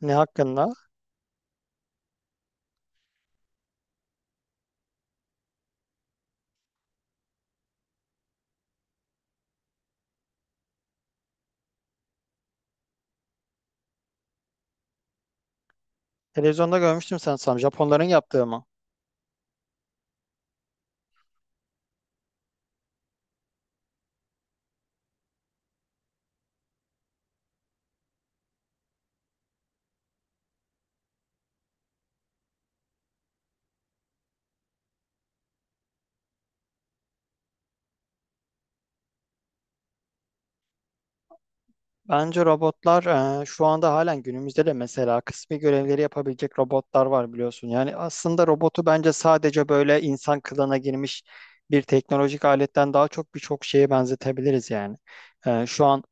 Ne hakkında? Televizyonda görmüştüm sanırsam. Japonların yaptığı mı? Bence robotlar şu anda halen günümüzde de mesela kısmi görevleri yapabilecek robotlar var, biliyorsun. Yani aslında robotu bence sadece böyle insan kılığına girmiş bir teknolojik aletten daha çok birçok şeye benzetebiliriz yani. Şu an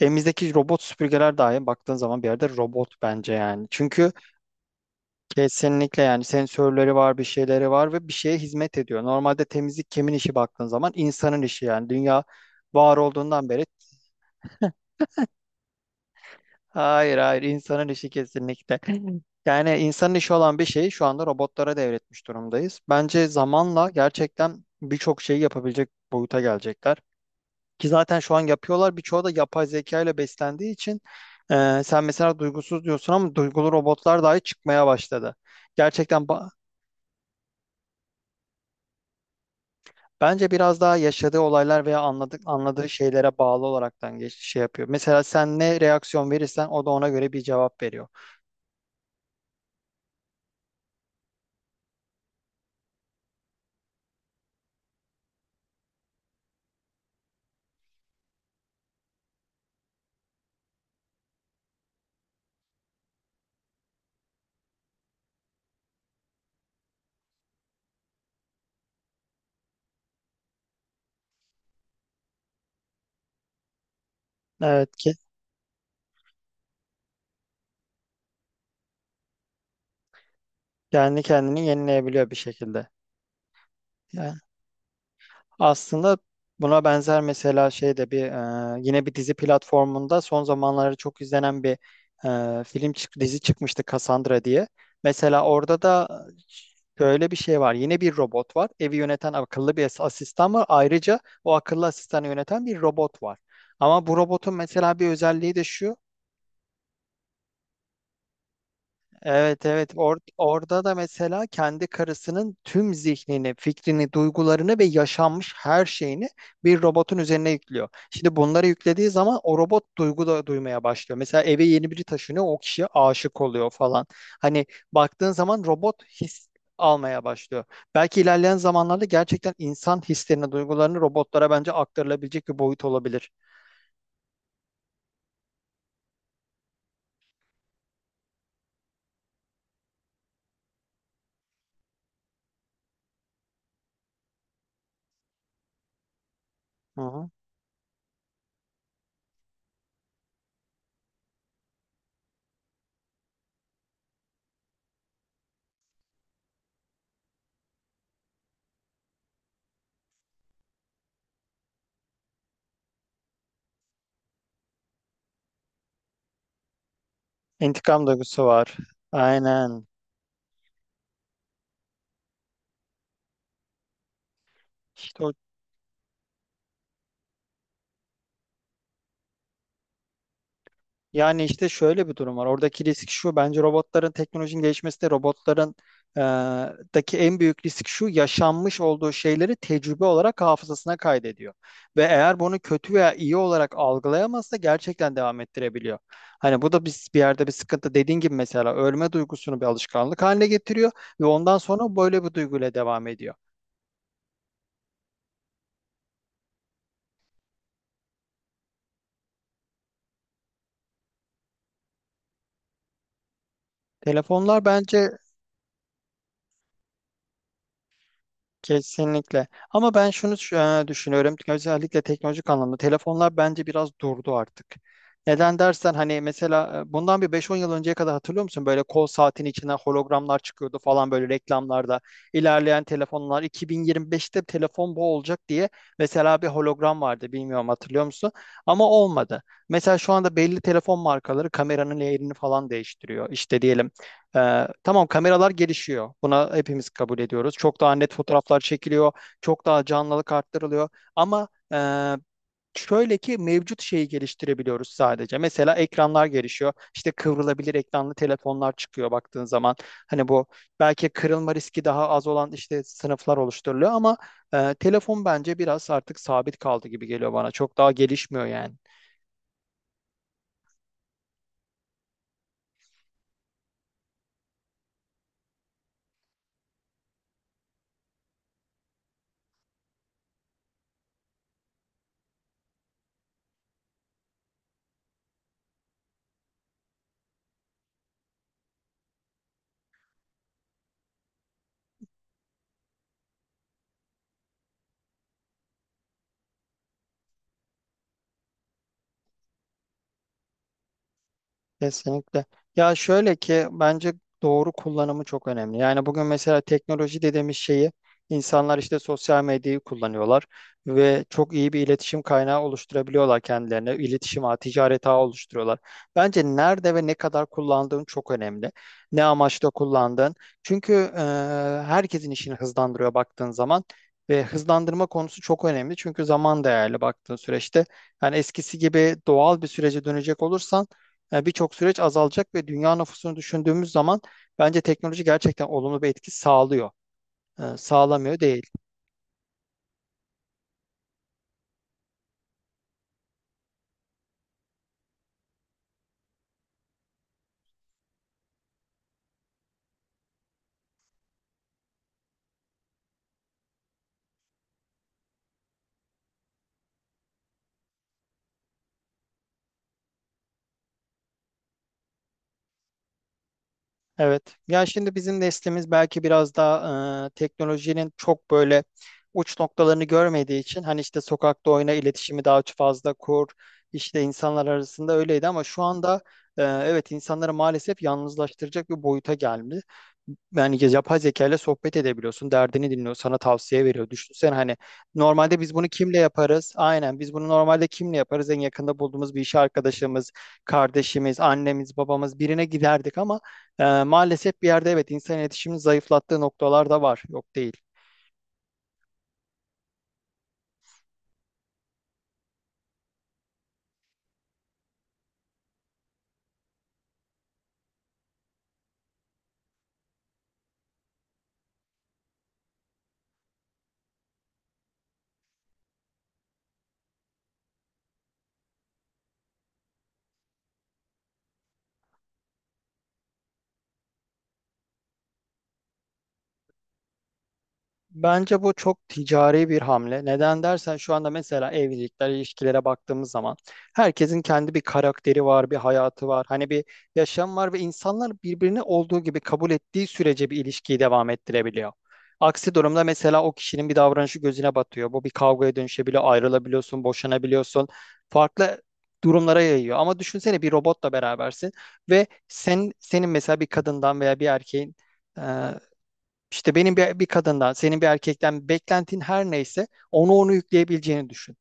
elimizdeki robot süpürgeler dahi baktığın zaman bir yerde robot bence yani. Kesinlikle yani, sensörleri var, bir şeyleri var ve bir şeye hizmet ediyor. Normalde temizlik kimin işi baktığın zaman insanın işi, yani dünya var olduğundan beri. Hayır, hayır, insanın işi kesinlikle. Yani insanın işi olan bir şeyi şu anda robotlara devretmiş durumdayız. Bence zamanla gerçekten birçok şeyi yapabilecek boyuta gelecekler. Ki zaten şu an yapıyorlar. Birçoğu da yapay zeka ile beslendiği için sen mesela duygusuz diyorsun ama duygulu robotlar dahi çıkmaya başladı. Gerçekten ba- Bence biraz daha yaşadığı olaylar veya anladığı şeylere bağlı olaraktan şey yapıyor. Mesela sen ne reaksiyon verirsen o da ona göre bir cevap veriyor. Evet ki kendi kendini yenileyebiliyor bir şekilde. Yani, aslında buna benzer mesela şey de bir yine bir dizi platformunda son zamanlarda çok izlenen bir dizi çıkmıştı, Cassandra diye. Mesela orada da şöyle bir şey var. Yine bir robot var. Evi yöneten akıllı bir asistan var. Ayrıca o akıllı asistanı yöneten bir robot var. Ama bu robotun mesela bir özelliği de şu. Evet, evet, orada da mesela kendi karısının tüm zihnini, fikrini, duygularını ve yaşanmış her şeyini bir robotun üzerine yüklüyor. Şimdi bunları yüklediği zaman o robot duygu da duymaya başlıyor. Mesela eve yeni biri taşınıyor, o kişiye aşık oluyor falan. Hani baktığın zaman robot his almaya başlıyor. Belki ilerleyen zamanlarda gerçekten insan hislerini, duygularını robotlara bence aktarılabilecek bir boyut olabilir. Hı hı. İntikam duygusu var. Aynen. İşte o Yani işte şöyle bir durum var. Oradaki risk şu. Bence robotların teknolojinin gelişmesi de robotların e, daki en büyük risk şu. Yaşanmış olduğu şeyleri tecrübe olarak hafızasına kaydediyor. Ve eğer bunu kötü veya iyi olarak algılayamazsa gerçekten devam ettirebiliyor. Hani bu da biz bir yerde bir sıkıntı. Dediğin gibi mesela ölme duygusunu bir alışkanlık haline getiriyor ve ondan sonra böyle bir duyguyla devam ediyor. Telefonlar bence Kesinlikle. Ama ben düşünüyorum. Özellikle teknolojik anlamda telefonlar bence biraz durdu artık. Neden dersen hani mesela bundan bir beş on yıl önceye kadar hatırlıyor musun? Böyle kol saatin içinden hologramlar çıkıyordu falan böyle reklamlarda. İlerleyen telefonlar 2025'te telefon bu olacak diye mesela bir hologram vardı, bilmiyorum, hatırlıyor musun? Ama olmadı. Mesela şu anda belli telefon markaları kameranın yerini falan değiştiriyor. İşte diyelim tamam kameralar gelişiyor. Buna hepimiz kabul ediyoruz. Çok daha net fotoğraflar çekiliyor. Çok daha canlılık arttırılıyor. Ama e, şöyle ki mevcut şeyi geliştirebiliyoruz sadece. Mesela ekranlar gelişiyor. İşte kıvrılabilir ekranlı telefonlar çıkıyor baktığın zaman. Hani bu belki kırılma riski daha az olan işte sınıflar oluşturuluyor ama telefon bence biraz artık sabit kaldı gibi geliyor bana. Çok daha gelişmiyor yani. Kesinlikle. Ya şöyle ki bence doğru kullanımı çok önemli. Yani bugün mesela teknoloji dediğimiz şeyi insanlar işte sosyal medyayı kullanıyorlar ve çok iyi bir iletişim kaynağı oluşturabiliyorlar kendilerine. İletişim ağı, ticaret ağı oluşturuyorlar. Bence nerede ve ne kadar kullandığın çok önemli. Ne amaçla kullandığın. Çünkü herkesin işini hızlandırıyor baktığın zaman. Ve hızlandırma konusu çok önemli. Çünkü zaman değerli baktığın süreçte. Yani eskisi gibi doğal bir sürece dönecek olursan yani birçok süreç azalacak ve dünya nüfusunu düşündüğümüz zaman bence teknoloji gerçekten olumlu bir etki sağlıyor. Sağlamıyor değil. Evet. Ya şimdi bizim neslimiz belki biraz daha teknolojinin çok böyle uç noktalarını görmediği için hani işte sokakta oyna iletişimi daha fazla kur, işte insanlar arasında öyleydi ama şu anda evet, insanları maalesef yalnızlaştıracak bir boyuta geldi. Yani yapay zeka ile sohbet edebiliyorsun, derdini dinliyor, sana tavsiye veriyor. Düşünsene hani normalde biz bunu kimle yaparız? Aynen biz bunu normalde kimle yaparız? En yakında bulduğumuz bir iş arkadaşımız, kardeşimiz, annemiz, babamız, birine giderdik ama maalesef bir yerde evet insan iletişimini zayıflattığı noktalar da var. Yok değil. Bence bu çok ticari bir hamle. Neden dersen şu anda mesela evlilikler, ilişkilere baktığımız zaman herkesin kendi bir karakteri var, bir hayatı var. Hani bir yaşam var ve insanlar birbirini olduğu gibi kabul ettiği sürece bir ilişkiyi devam ettirebiliyor. Aksi durumda mesela o kişinin bir davranışı gözüne batıyor. Bu bir kavgaya dönüşebiliyor, ayrılabiliyorsun, boşanabiliyorsun. Farklı durumlara yayıyor. Ama düşünsene bir robotla berabersin ve sen, senin mesela bir kadından veya bir erkeğin, işte benim bir kadından, senin bir erkekten beklentin her neyse onu yükleyebileceğini düşün.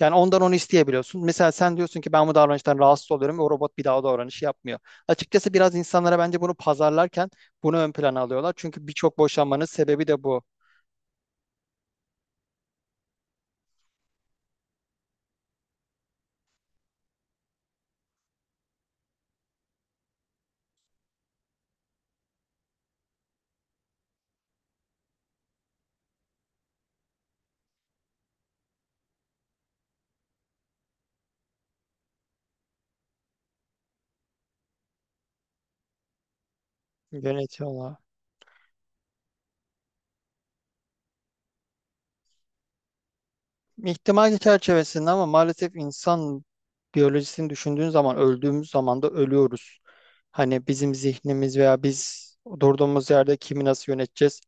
Yani ondan onu isteyebiliyorsun. Mesela sen diyorsun ki ben bu davranıştan rahatsız oluyorum ve o robot bir daha o davranışı yapmıyor. Açıkçası biraz insanlara bence bunu pazarlarken bunu ön plana alıyorlar. Çünkü birçok boşanmanın sebebi de bu. Yönetiyorlar. İhtimal çerçevesinde ama maalesef insan biyolojisini düşündüğün zaman öldüğümüz zaman da ölüyoruz. Hani bizim zihnimiz veya biz durduğumuz yerde kimi nasıl yöneteceğiz?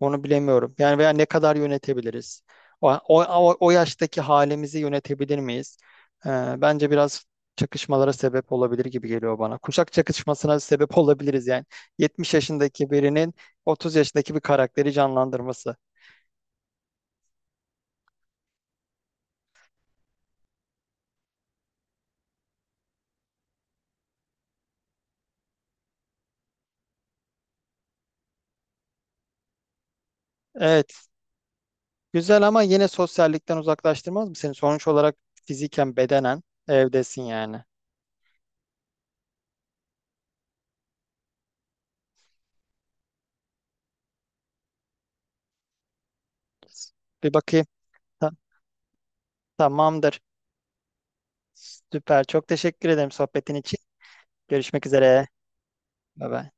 Onu bilemiyorum. Yani veya ne kadar yönetebiliriz? O yaştaki halimizi yönetebilir miyiz? Ee, Bence biraz çakışmalara sebep olabilir gibi geliyor bana. Kuşak çakışmasına sebep olabiliriz yani. 70 yaşındaki birinin 30 yaşındaki bir karakteri canlandırması. Evet, güzel ama yine sosyallikten uzaklaştırmaz mı seni? Sonuç olarak fiziken, bedenen evdesin yani. Bir bakayım. Ta- tamamdır. Süper. Çok teşekkür ederim sohbetin için. Görüşmek üzere. Bye bye.